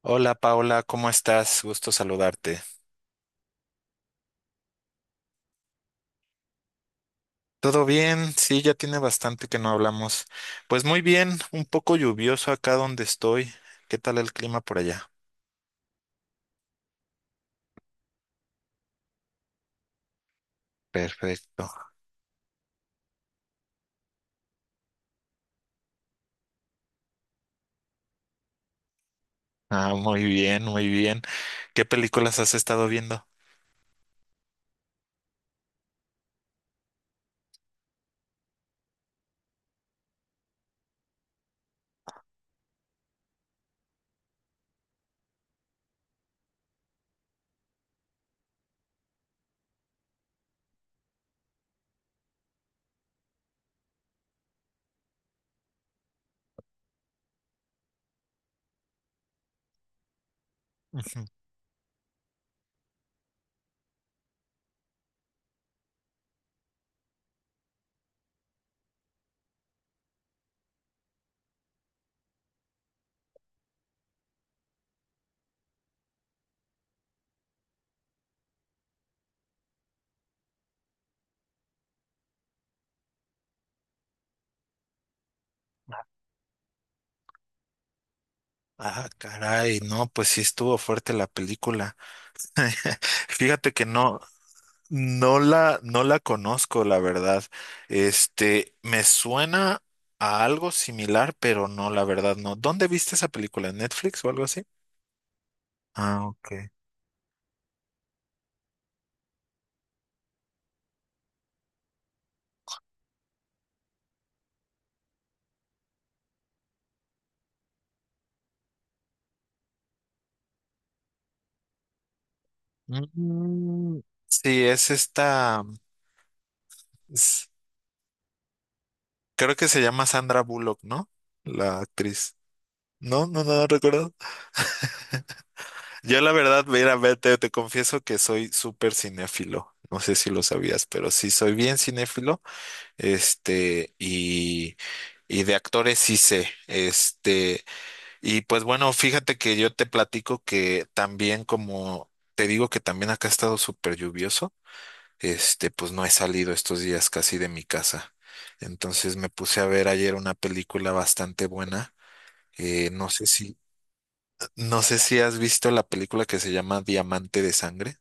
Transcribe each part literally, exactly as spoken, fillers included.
Hola Paula, ¿cómo estás? Gusto saludarte. ¿Todo bien? Sí, ya tiene bastante que no hablamos. Pues muy bien, un poco lluvioso acá donde estoy. ¿Qué tal el clima por allá? Perfecto. Ah, muy bien, muy bien. ¿Qué películas has estado viendo? Ujú. Ah, caray, no, pues sí estuvo fuerte la película. Fíjate que no. No la, no la conozco, la verdad. Este, me suena a algo similar, pero no, la verdad, no. ¿Dónde viste esa película? ¿En Netflix o algo así? Ah, ok. Mm, sí, es esta, es- creo que se llama Sandra Bullock, ¿no? La actriz. No, no, no, no recuerdo. Yo la verdad, mira, vete, te te confieso que soy súper cinéfilo. No sé si lo sabías, pero sí soy bien cinéfilo. Este, y, y de actores sí sé. Este, y pues bueno, fíjate que yo te platico que también, como te digo que también acá ha estado súper lluvioso, este, pues no he salido estos días casi de mi casa. Entonces me puse a ver ayer una película bastante buena. Eh, no sé si, no sé si has visto la película que se llama Diamante de Sangre.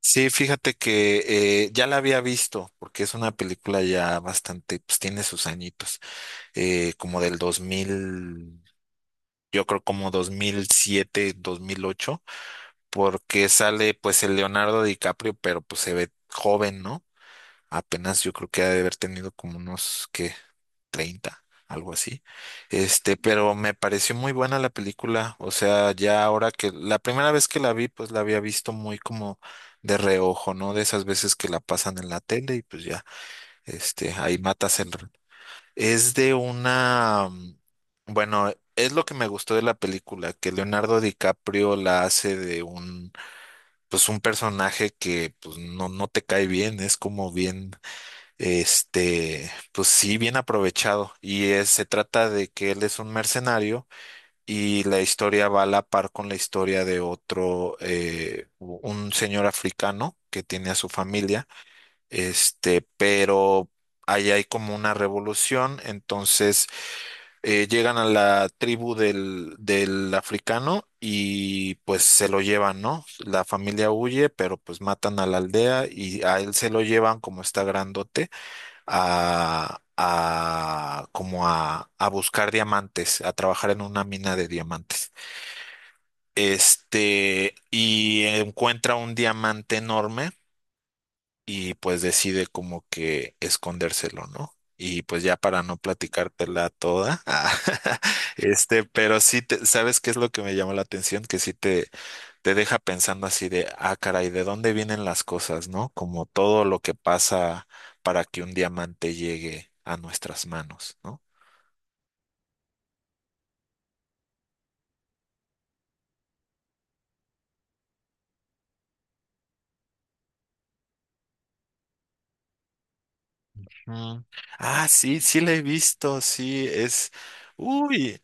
Sí, fíjate que eh, ya la había visto, porque es una película ya bastante, pues tiene sus añitos. eh, como del dos mil, yo creo, como dos dos mil siete, dos mil ocho, porque sale pues el Leonardo DiCaprio, pero pues se ve joven, ¿no? Apenas yo creo que ha de haber tenido como unos, ¿qué? Treinta, algo así. Este, pero me pareció muy buena la película, o sea, ya ahora que la primera vez que la vi, pues la había visto muy como de reojo, ¿no? De esas veces que la pasan en la tele y pues ya, este, ahí matas el, es de una, mm, bueno, es lo que me gustó de la película, que Leonardo DiCaprio la hace de un, pues un personaje que pues no, no te cae bien, es como bien, este, pues sí, bien aprovechado. Y es- se trata de que él es un mercenario, y la historia va a la par con la historia de otro, eh, un señor africano que tiene a su familia, este, pero... Ahí hay como una revolución. Entonces eh, llegan a la tribu del, del africano y pues se lo llevan, ¿no? La familia huye, pero pues matan a la aldea y a él se lo llevan, como está grandote, a, a como a, a buscar diamantes, a trabajar en una mina de diamantes. Este, y encuentra un diamante enorme, y pues decide como que escondérselo, ¿no? Y pues ya, para no platicártela toda, ah, este, pero sí, te- ¿sabes qué es lo que me llamó la atención? Que sí te, te deja pensando así de, ah, caray, ¿de dónde vienen las cosas, no? Como todo lo que pasa para que un diamante llegue a nuestras manos, ¿no? Mm. Ah, sí, sí la he visto, sí, es, uy.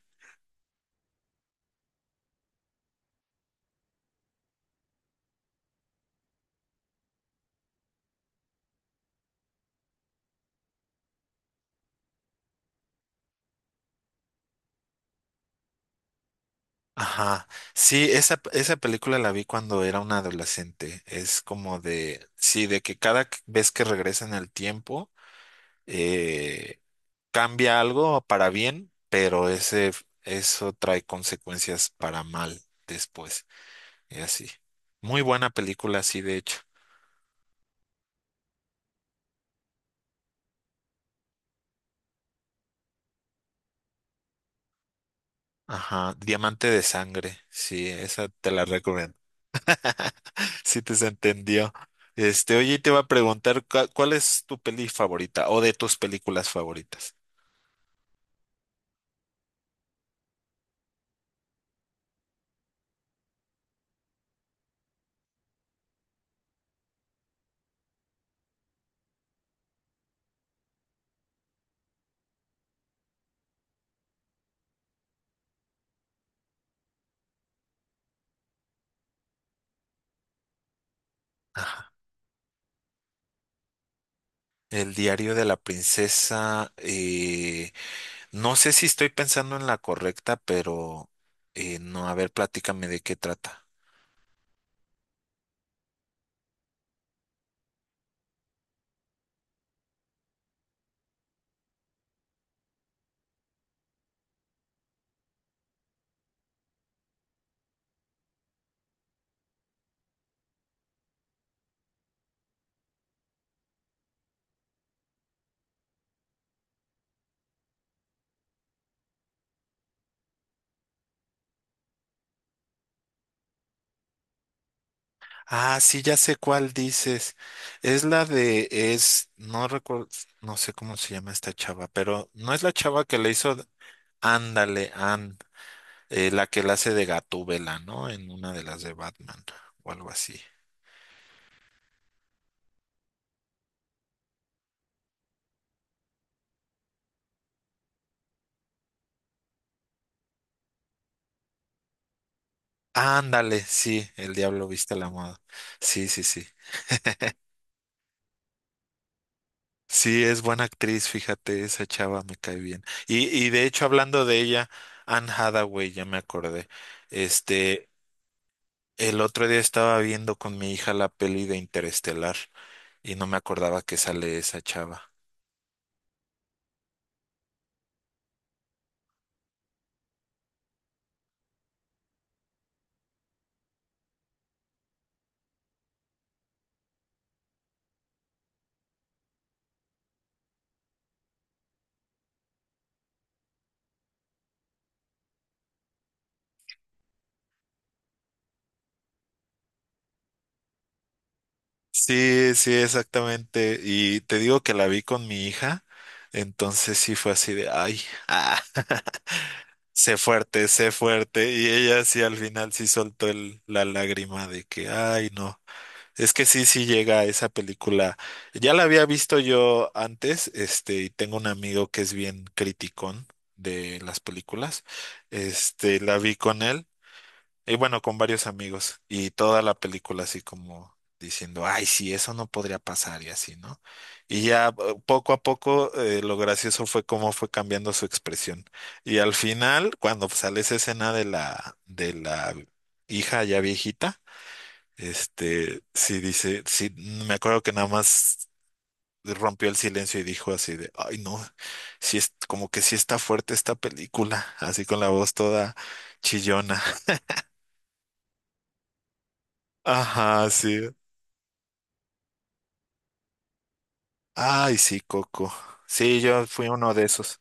Ajá. Sí, esa, esa película la vi cuando era una adolescente. Es como de, sí, de que cada que- vez que regresa en el tiempo, eh, cambia algo para bien, pero ese, eso trae consecuencias para mal después. Y así. Muy buena película, sí, de hecho. Ajá. Diamante de sangre. Sí, esa te la recomiendo. Sí, te se entendió. Este, oye, te iba a preguntar, ¿cuál cuál es tu peli favorita o de tus películas favoritas? Ah, El diario de la princesa. Eh, no sé si estoy pensando en la correcta, pero eh, no, a ver, platícame de qué trata. Ah, sí, ya sé cuál dices. Es la de, es, no recuerdo, no sé cómo se llama esta chava, pero no es la chava que le hizo, ándale, and, eh, la que la hace de Gatúbela, ¿no? En una de las de Batman o algo así. Ándale, sí, El Diablo Viste a la Moda. Sí, sí, sí. Sí, es buena actriz, fíjate, esa chava me cae bien. Y, y de hecho, hablando de ella, Anne Hathaway, ya me acordé. Este, el otro día estaba viendo con mi hija la peli de Interestelar, y no me acordaba que sale esa chava. Sí, sí, exactamente. Y te digo que la vi con mi hija, entonces sí fue así de, ay, ah. Sé fuerte, sé fuerte. Y ella sí, al final, sí soltó el- la lágrima de que, ay, no. Es que sí, sí llega a esa película. Ya la había visto yo antes, este, y tengo un amigo que es bien criticón de las películas. Este, la vi con él. Y bueno, con varios amigos, y toda la película así como diciendo, ay, sí, eso no podría pasar y así, ¿no? Y ya eh, poco a poco, eh, lo gracioso fue cómo fue cambiando su expresión. Y al final, cuando sale esa escena de la, de la, hija ya viejita, este, sí dice, sí, me acuerdo que nada más rompió el silencio y dijo así de, ay, no, sí es como que sí está fuerte esta película, así con la voz toda chillona. Ajá, sí. Ay, sí, Coco. Sí, yo fui uno de esos.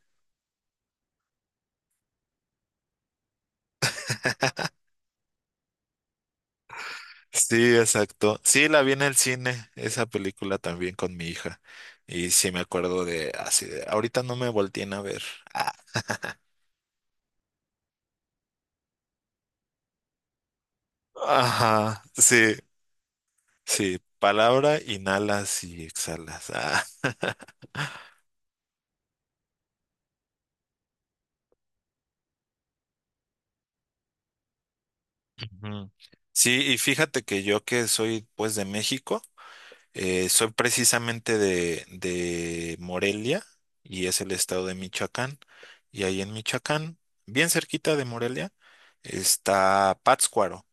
Sí, exacto. Sí, la vi en el cine, esa película también con mi hija. Y sí me acuerdo de así de, ahorita no me volteen a ver. Ah. Ajá, sí, sí. Palabra, inhalas y exhalas. Ah. Ujú. Sí, y fíjate que yo que soy pues de México. Eh, soy precisamente de, de Morelia, y es el estado de Michoacán. Y ahí en Michoacán, bien cerquita de Morelia, está Pátzcuaro.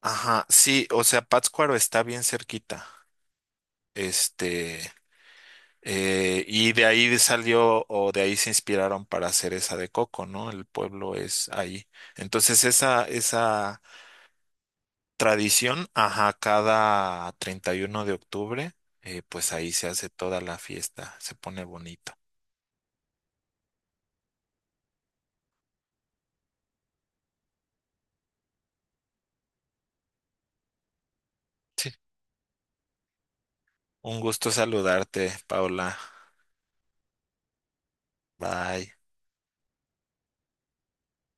Ajá, sí, o sea, Pátzcuaro está bien cerquita. Este, eh, y de ahí salió, o de ahí se inspiraron para hacer esa de Coco, ¿no? El pueblo es ahí. Entonces, esa, esa. Tradición, ajá, cada treinta y uno de octubre, eh, pues ahí se hace toda la fiesta, se pone bonito. Sí. Un gusto saludarte, Paula. Bye.